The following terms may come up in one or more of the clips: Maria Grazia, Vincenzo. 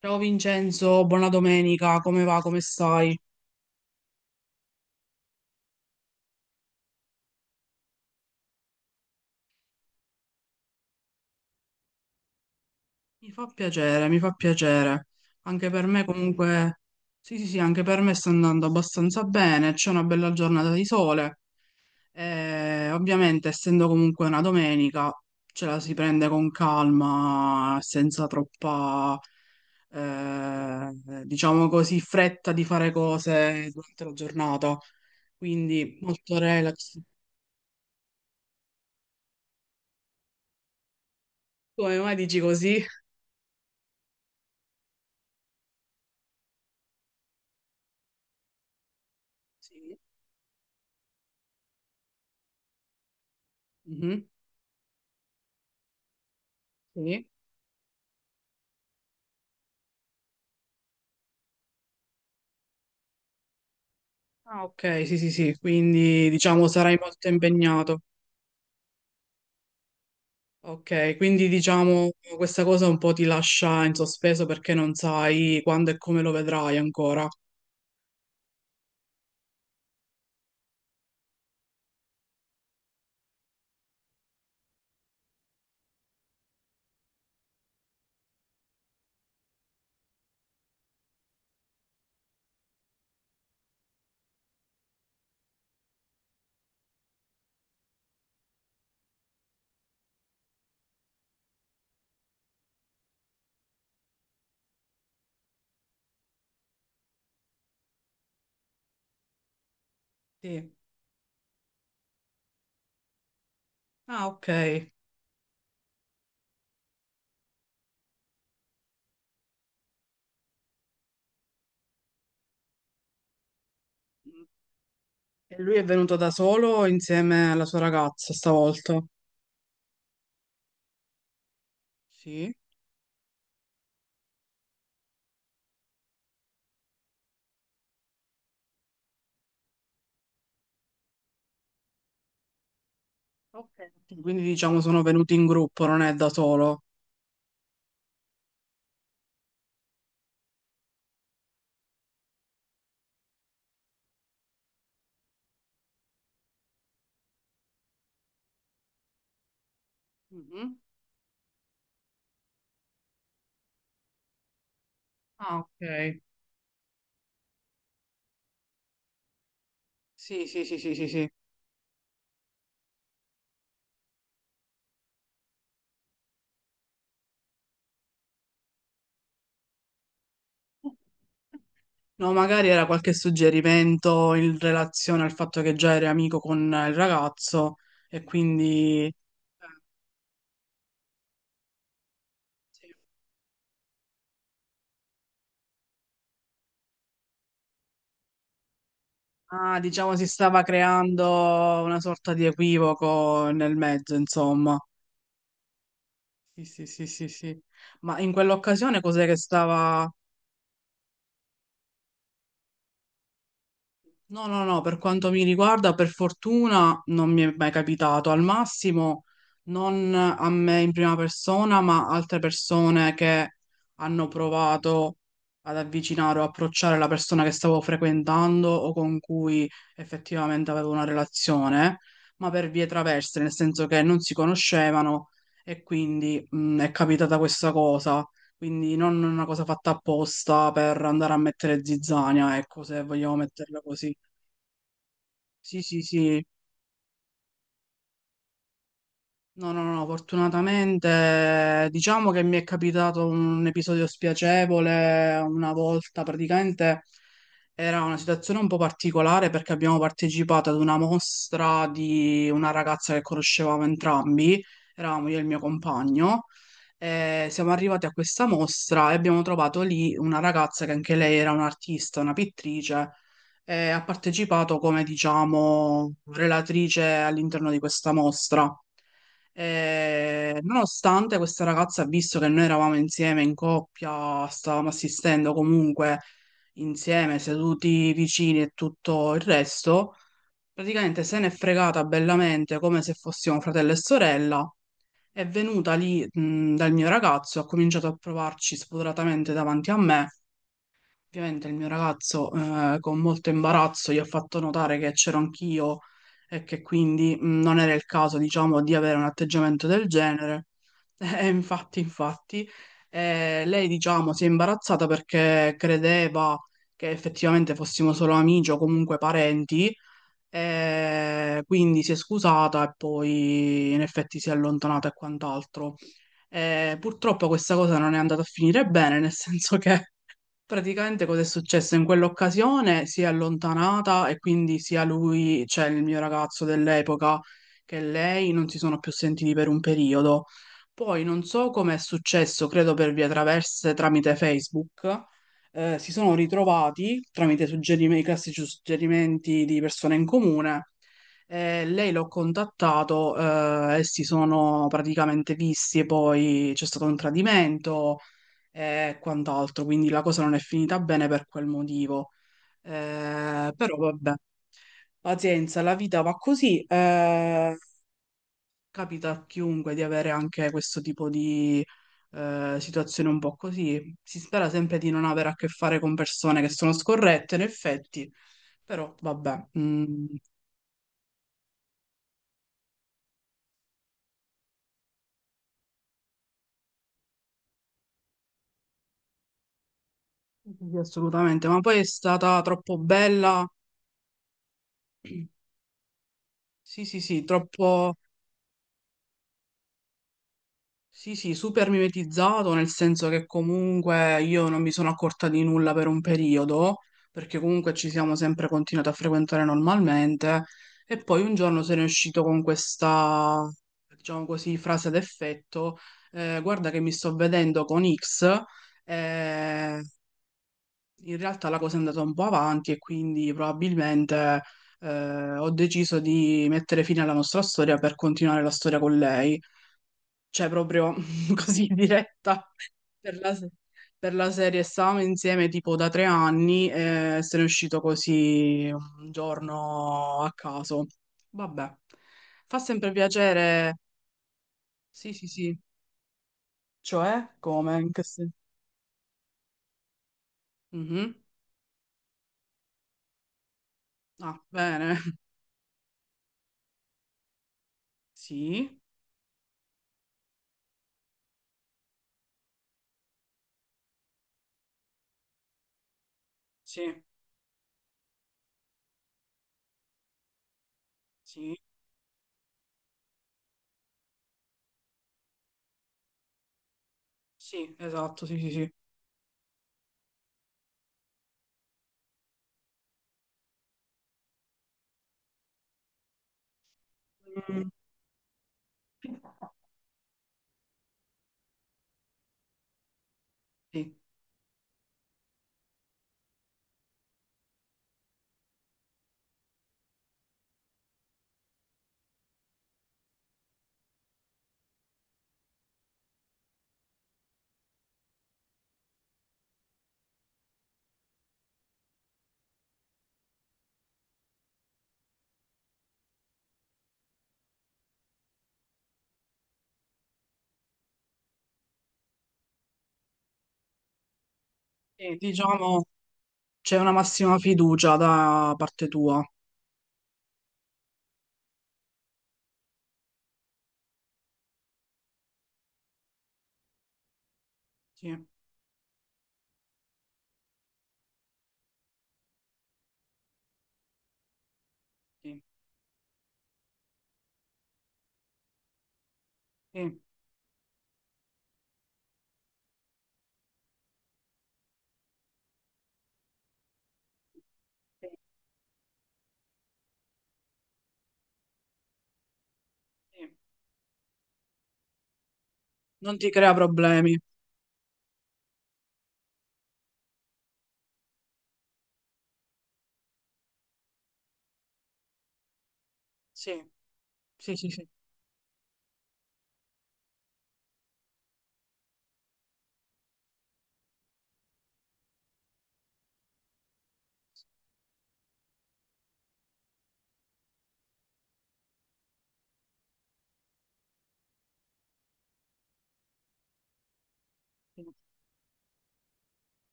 Ciao Vincenzo, buona domenica, come va, come stai? Mi fa piacere, mi fa piacere. Anche per me comunque, sì sì sì, anche per me sta andando abbastanza bene, c'è una bella giornata di sole. E ovviamente, essendo comunque una domenica, ce la si prende con calma, senza troppa, eh, diciamo così, fretta di fare cose durante la giornata. Quindi molto relax. Come mai dici così? Sì. Mhm. Sì. Ah, ok, sì, sì, sì, quindi diciamo sarai molto impegnato. Ok, quindi diciamo questa cosa un po' ti lascia in sospeso perché non sai quando e come lo vedrai ancora. Sì. Ah, ok. E lui è venuto da solo insieme alla sua ragazza stavolta? Sì. Ok. Quindi diciamo sono venuti in gruppo, non è da solo. Mhm. Ah, ok. Sì, sì, sì, sì, sì, sì. No, magari era qualche suggerimento in relazione al fatto che già eri amico con il ragazzo e quindi, sì. Ah, diciamo, si stava creando una sorta di equivoco nel mezzo, insomma. Sì, sì, sì, sì, sì. Ma in quell'occasione cos'è che stava. No, no, no, per quanto mi riguarda, per fortuna non mi è mai capitato. Al massimo, non a me in prima persona, ma altre persone che hanno provato ad avvicinare o approcciare la persona che stavo frequentando o con cui effettivamente avevo una relazione, ma per vie traverse, nel senso che non si conoscevano e quindi è capitata questa cosa. Quindi non una cosa fatta apposta per andare a mettere zizzania, ecco, se vogliamo metterla così. Sì, sì, sì. No, no, no, fortunatamente diciamo che mi è capitato un episodio spiacevole una volta, praticamente era una situazione un po' particolare perché abbiamo partecipato ad una mostra di una ragazza che conoscevamo entrambi, eravamo io e il mio compagno, e siamo arrivati a questa mostra e abbiamo trovato lì una ragazza che anche lei era un'artista, una pittrice, e ha partecipato come, diciamo, relatrice all'interno di questa mostra. E nonostante questa ragazza ha visto che noi eravamo insieme in coppia, stavamo assistendo comunque insieme, seduti vicini e tutto il resto, praticamente se n'è fregata bellamente come se fossimo fratello e sorella. È venuta lì, dal mio ragazzo, ha cominciato a provarci spudoratamente davanti a me. Ovviamente il mio ragazzo, con molto imbarazzo, gli ha fatto notare che c'ero anch'io e che quindi non era il caso, diciamo, di avere un atteggiamento del genere. E infatti, lei, diciamo, si è imbarazzata perché credeva che effettivamente fossimo solo amici o comunque parenti, e quindi si è scusata e poi in effetti si è allontanata e quant'altro. Purtroppo questa cosa non è andata a finire bene, nel senso che praticamente cosa è successo? In quell'occasione si è allontanata e quindi sia lui, cioè il mio ragazzo dell'epoca, che lei non si sono più sentiti per un periodo. Poi non so come è successo, credo per vie traverse tramite Facebook, si sono ritrovati tramite i classici suggerimenti di persone in comune. Lei l'ho contattato e si sono praticamente visti e poi c'è stato un tradimento e quant'altro, quindi la cosa non è finita bene per quel motivo. Però vabbè, pazienza, la vita va così. Capita a chiunque di avere anche questo tipo di situazione un po' così. Si spera sempre di non avere a che fare con persone che sono scorrette, in effetti, però vabbè, mm, sì, sì, sì, assolutamente. Ma poi è stata troppo bella. Sì, sì, sì, troppo. Sì, sì, super mimetizzato, nel senso che comunque io non mi sono accorta di nulla per un periodo, perché comunque ci siamo sempre continuati a frequentare normalmente, e poi un giorno se ne è uscito con questa, diciamo così, frase d'effetto, guarda che mi sto vedendo con X, eh, in realtà la cosa è andata un po' avanti e quindi probabilmente ho deciso di mettere fine alla nostra storia per continuare la storia con lei, cioè proprio così diretta per la, se- per la serie. Stavamo insieme tipo da 3 anni e se ne è uscito così un giorno a caso. Vabbè, fa sempre piacere. Sì, sì, sì. Cioè, come? In che sen-. Mhm. Ah, bene. Sì, sì, sì, sì, esatto, sì, sì, sì. Mm, sì. Sì, diciamo c'è una massima fiducia da parte tua. Sì, sì, sì, sì, sì. Non ti crea problemi. Sì, sì, sì, sì.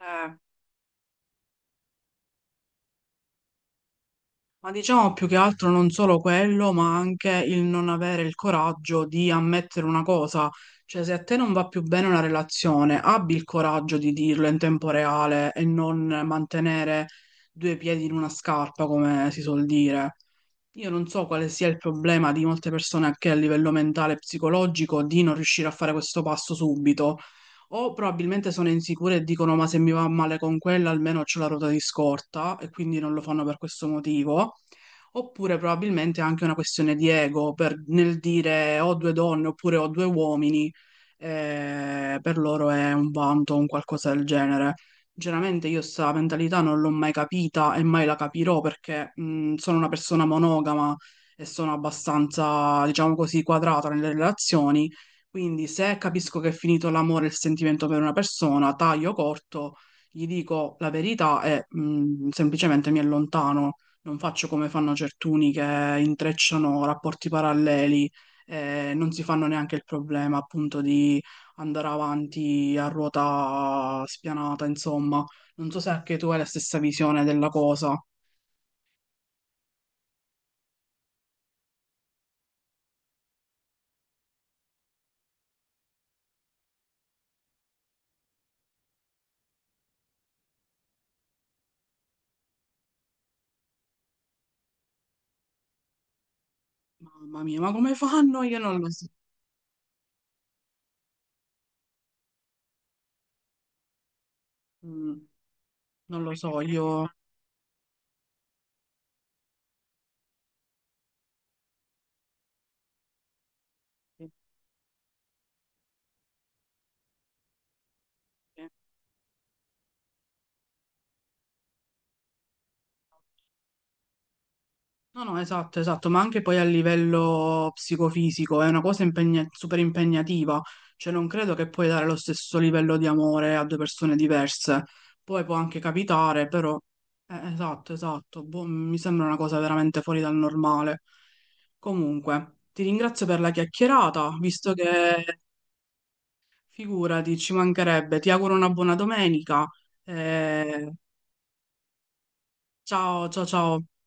Eh, ma diciamo più che altro non solo quello, ma anche il non avere il coraggio di ammettere una cosa. Cioè, se a te non va più bene una relazione, abbi il coraggio di dirlo in tempo reale e non mantenere due piedi in una scarpa, come si suol dire. Io non so quale sia il problema di molte persone anche a livello mentale e psicologico di non riuscire a fare questo passo subito, o probabilmente sono insicure e dicono ma se mi va male con quella almeno ho la ruota di scorta e quindi non lo fanno per questo motivo, oppure probabilmente è anche una questione di ego nel dire ho due donne oppure ho due uomini, per loro è un vanto o un qualcosa del genere. Sinceramente io sta mentalità non l'ho mai capita e mai la capirò perché sono una persona monogama e sono abbastanza, diciamo così, quadrata nelle relazioni. Quindi se capisco che è finito l'amore e il sentimento per una persona, taglio corto, gli dico la verità e semplicemente mi allontano. Non faccio come fanno certuni che intrecciano rapporti paralleli e non si fanno neanche il problema appunto di andare avanti a ruota spianata, insomma. Non so se anche tu hai la stessa visione della cosa. Mamma mia, ma come fanno? Io non lo so. Mm, non lo so, io... No, no, esatto, esatto, ma anche poi a livello psicofisico è una cosa super impegnativa, cioè non credo che puoi dare lo stesso livello di amore a due persone diverse, poi può anche capitare, però esatto, esatto, boh, mi sembra una cosa veramente fuori dal normale. Comunque, ti ringrazio per la chiacchierata, visto che figurati, ci mancherebbe, ti auguro una buona domenica, eh, ciao, ciao, ciao.